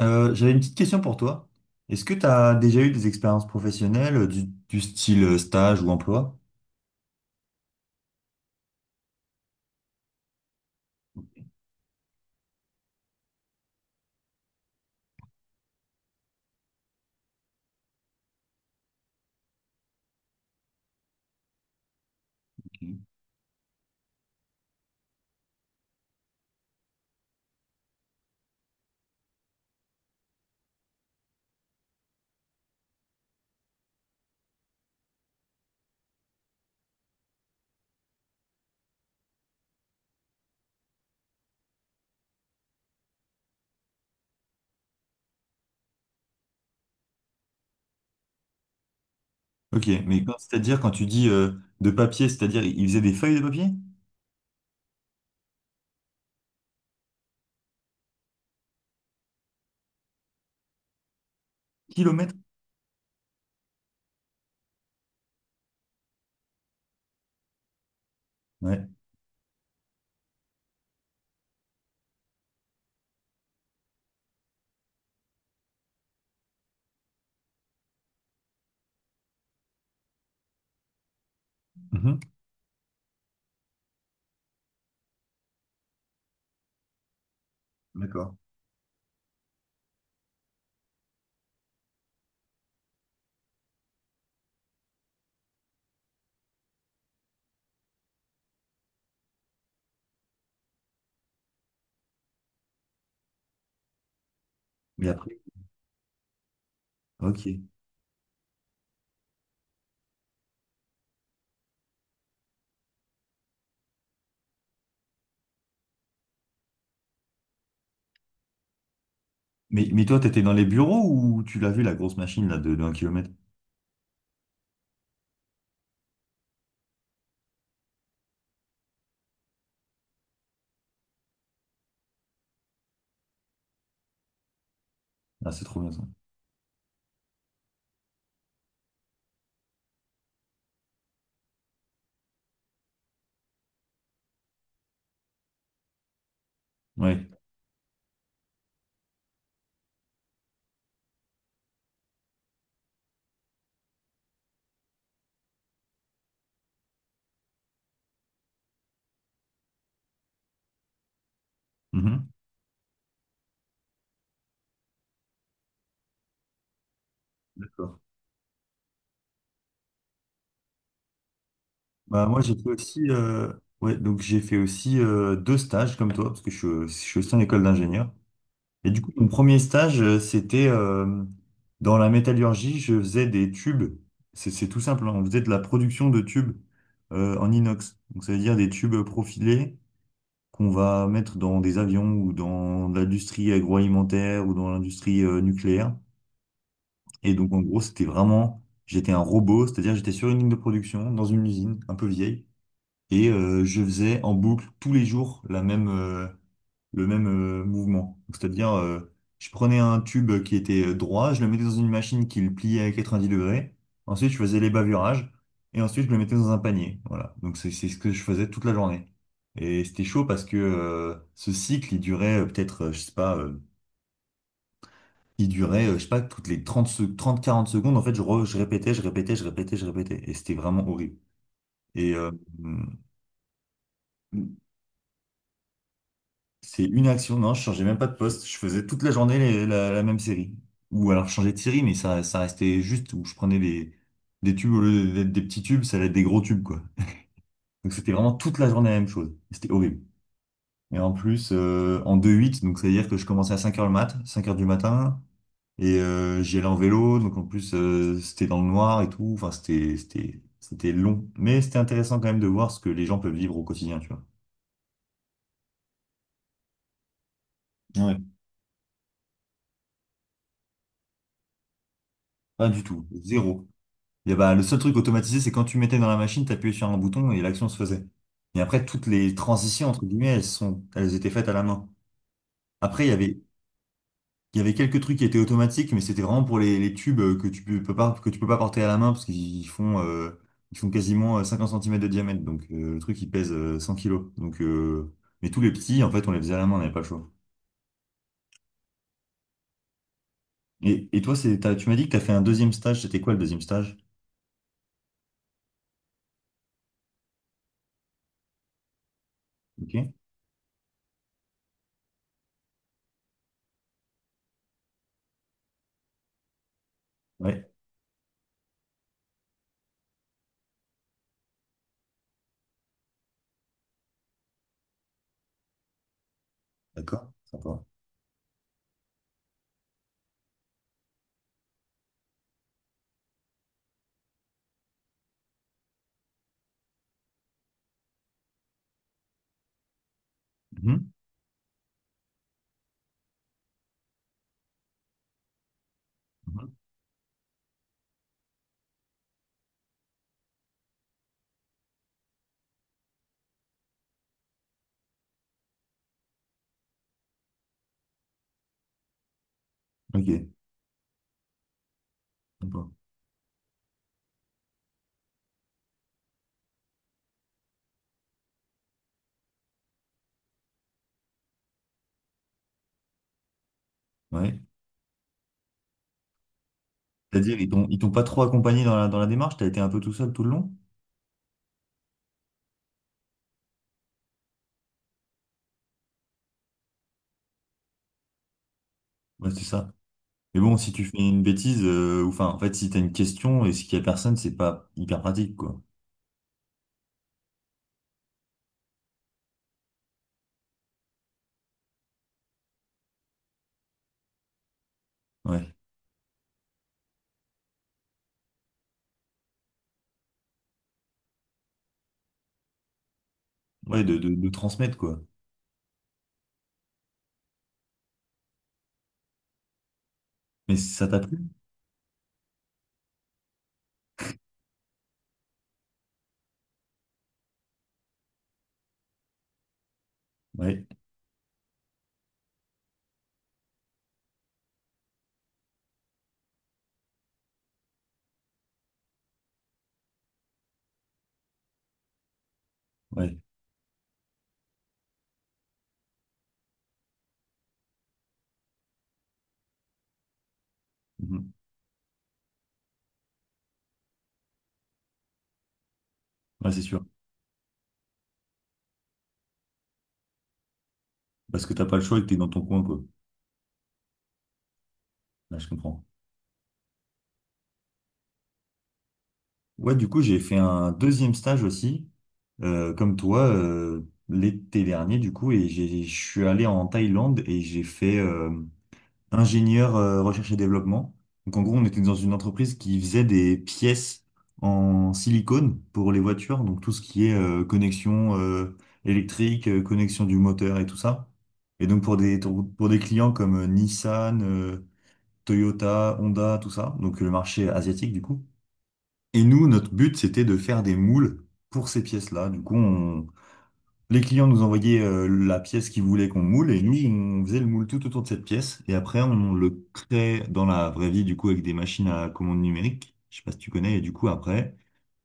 J'avais une petite question pour toi. Est-ce que tu as déjà eu des expériences professionnelles du style stage ou emploi? Ok. Ok, mais c'est-à-dire quand tu dis de papier, c'est-à-dire ils faisaient des feuilles de papier? Kilomètres? Ouais. Mhm. D'accord. Mais après, ok. Mais toi, tu étais dans les bureaux ou tu l'as vu la grosse machine là de 1 km? Ah, c'est trop bien ça. Ouais. Mhm. D'accord. Bah, moi, j'ai fait aussi, ouais, donc j'ai fait aussi deux stages comme toi, parce que je suis aussi en école d'ingénieur. Et du coup, mon premier stage, c'était dans la métallurgie, je faisais des tubes. C'est tout simple, hein. On faisait de la production de tubes en inox. Donc, ça veut dire des tubes profilés qu'on va mettre dans des avions ou dans l'industrie agroalimentaire ou dans l'industrie nucléaire. Et donc, en gros, c'était vraiment, j'étais un robot, c'est-à-dire j'étais sur une ligne de production, dans une usine un peu vieille, et je faisais en boucle tous les jours le même mouvement. Donc, c'est-à-dire, je prenais un tube qui était droit, je le mettais dans une machine qui le pliait à 90°, ensuite je faisais les bavurages, et ensuite je le mettais dans un panier. Voilà, donc c'est ce que je faisais toute la journée. Et c'était chaud parce que ce cycle, il durait peut-être, je sais pas, toutes les 30, trente quarante secondes, en fait, je répétais, je répétais, je répétais, je répétais. Et c'était vraiment horrible. Et c'est une action, non, je changeais même pas de poste, je faisais toute la journée la même série. Ou alors je changeais de série, mais ça restait juste où je prenais des tubes au lieu d'être des petits tubes, ça allait être des gros tubes, quoi. Donc c'était vraiment toute la journée la même chose. C'était horrible. Et en plus, en deux huit, donc c'est-à-dire que je commençais à 5 heures du matin. Et j'y allais en vélo, donc en plus c'était dans le noir et tout. Enfin, c'était long, mais c'était intéressant quand même de voir ce que les gens peuvent vivre au quotidien, tu vois. Ouais. Pas du tout, zéro. Et y bah, le seul truc automatisé, c'est quand tu mettais dans la machine, t'appuyais sur un bouton et l'action se faisait. Et après, toutes les transitions entre guillemets, elles étaient faites à la main. Après, il y avait... Il y avait quelques trucs qui étaient automatiques, mais c'était vraiment pour les tubes que tu peux pas porter à la main parce qu'ils font quasiment 50 centimètres de diamètre. Donc le truc, il pèse 100 kilos. Donc, mais tous les petits, en fait, on les faisait à la main, on n'avait pas le choix. Et toi, tu m'as dit que tu as fait un deuxième stage. C'était quoi le deuxième stage? Ok. Ouais. D'accord. Sympa. Mhm. Mhm. Ok. Sympa. Ouais. C'est-à-dire, ils t'ont pas trop accompagné dans la démarche? T'as été un peu tout seul tout le long? Ouais, c'est ça. Mais bon, si tu fais une bêtise, ou enfin, en fait, si t'as une question et qu'il y a personne, c'est pas hyper pratique, quoi. Ouais. Ouais, de transmettre, quoi. Mais ça t'a plu? Ouais, ouais. Mhm. Ouais, c'est sûr. Parce que t'as pas le choix et que t'es dans ton coin, quoi. Là, je comprends. Ouais, du coup, j'ai fait un deuxième stage aussi, comme toi, l'été dernier, du coup, et je suis allé en Thaïlande et j'ai fait ingénieur recherche et développement. Donc en gros, on était dans une entreprise qui faisait des pièces en silicone pour les voitures, donc tout ce qui est connexion électrique, connexion du moteur et tout ça. Et donc pour des clients comme Nissan, Toyota, Honda, tout ça, donc le marché asiatique du coup. Et nous, notre but, c'était de faire des moules pour ces pièces-là. Du coup, on les clients nous envoyaient la pièce qu'ils voulaient qu'on moule et nous, on faisait le moule tout autour de cette pièce et après, on le créait dans la vraie vie, du coup, avec des machines à commande numérique. Je sais pas si tu connais. Et du coup, après,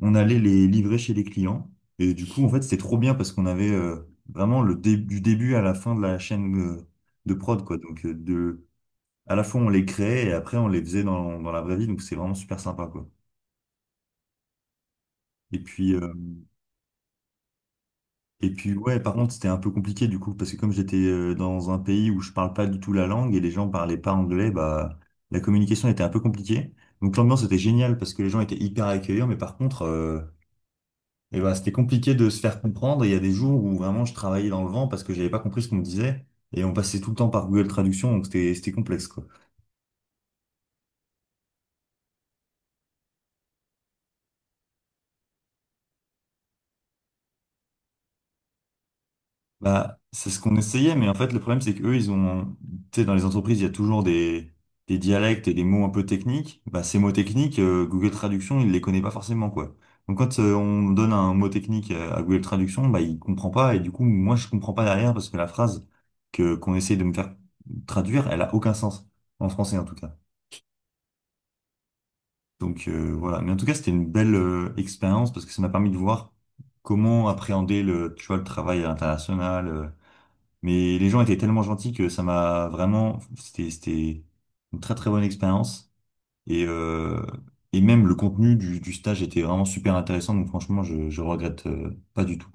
on allait les livrer chez les clients. Et du coup, en fait, c'était trop bien parce qu'on avait vraiment du début à la fin de la chaîne de prod, quoi. Donc, à la fois, on les créait et après, on les faisait dans, dans la vraie vie. Donc, c'est vraiment super sympa, quoi. Et puis, euh, Et puis ouais, par contre, c'était un peu compliqué du coup, parce que comme j'étais dans un pays où je parle pas du tout la langue et les gens parlaient pas anglais, bah la communication était un peu compliquée. Donc l'ambiance était géniale parce que les gens étaient hyper accueillants, mais par contre, eh ben, c'était compliqué de se faire comprendre. Et il y a des jours où vraiment je travaillais dans le vent parce que j'avais pas compris ce qu'on me disait et on passait tout le temps par Google Traduction, donc c'était complexe quoi. Bah, c'est ce qu'on essayait, mais en fait, le problème, c'est qu'eux, tu sais, dans les entreprises, il y a toujours des dialectes et des mots un peu techniques. Bah, ces mots techniques, Google Traduction, il les connaît pas forcément, quoi. Donc, quand on donne un mot technique à Google Traduction, bah, il comprend pas, et du coup, moi, je comprends pas derrière, parce que la phrase qu'on essaye de me faire traduire, elle a aucun sens. En français, en tout cas. Donc, voilà. Mais en tout cas, c'était une belle, expérience, parce que ça m'a permis de voir comment appréhender le, tu vois, le travail international, mais les gens étaient tellement gentils que ça m'a vraiment, c'était une très très bonne expérience. Et, euh, et même le contenu du stage était vraiment super intéressant. Donc franchement, je regrette pas du tout.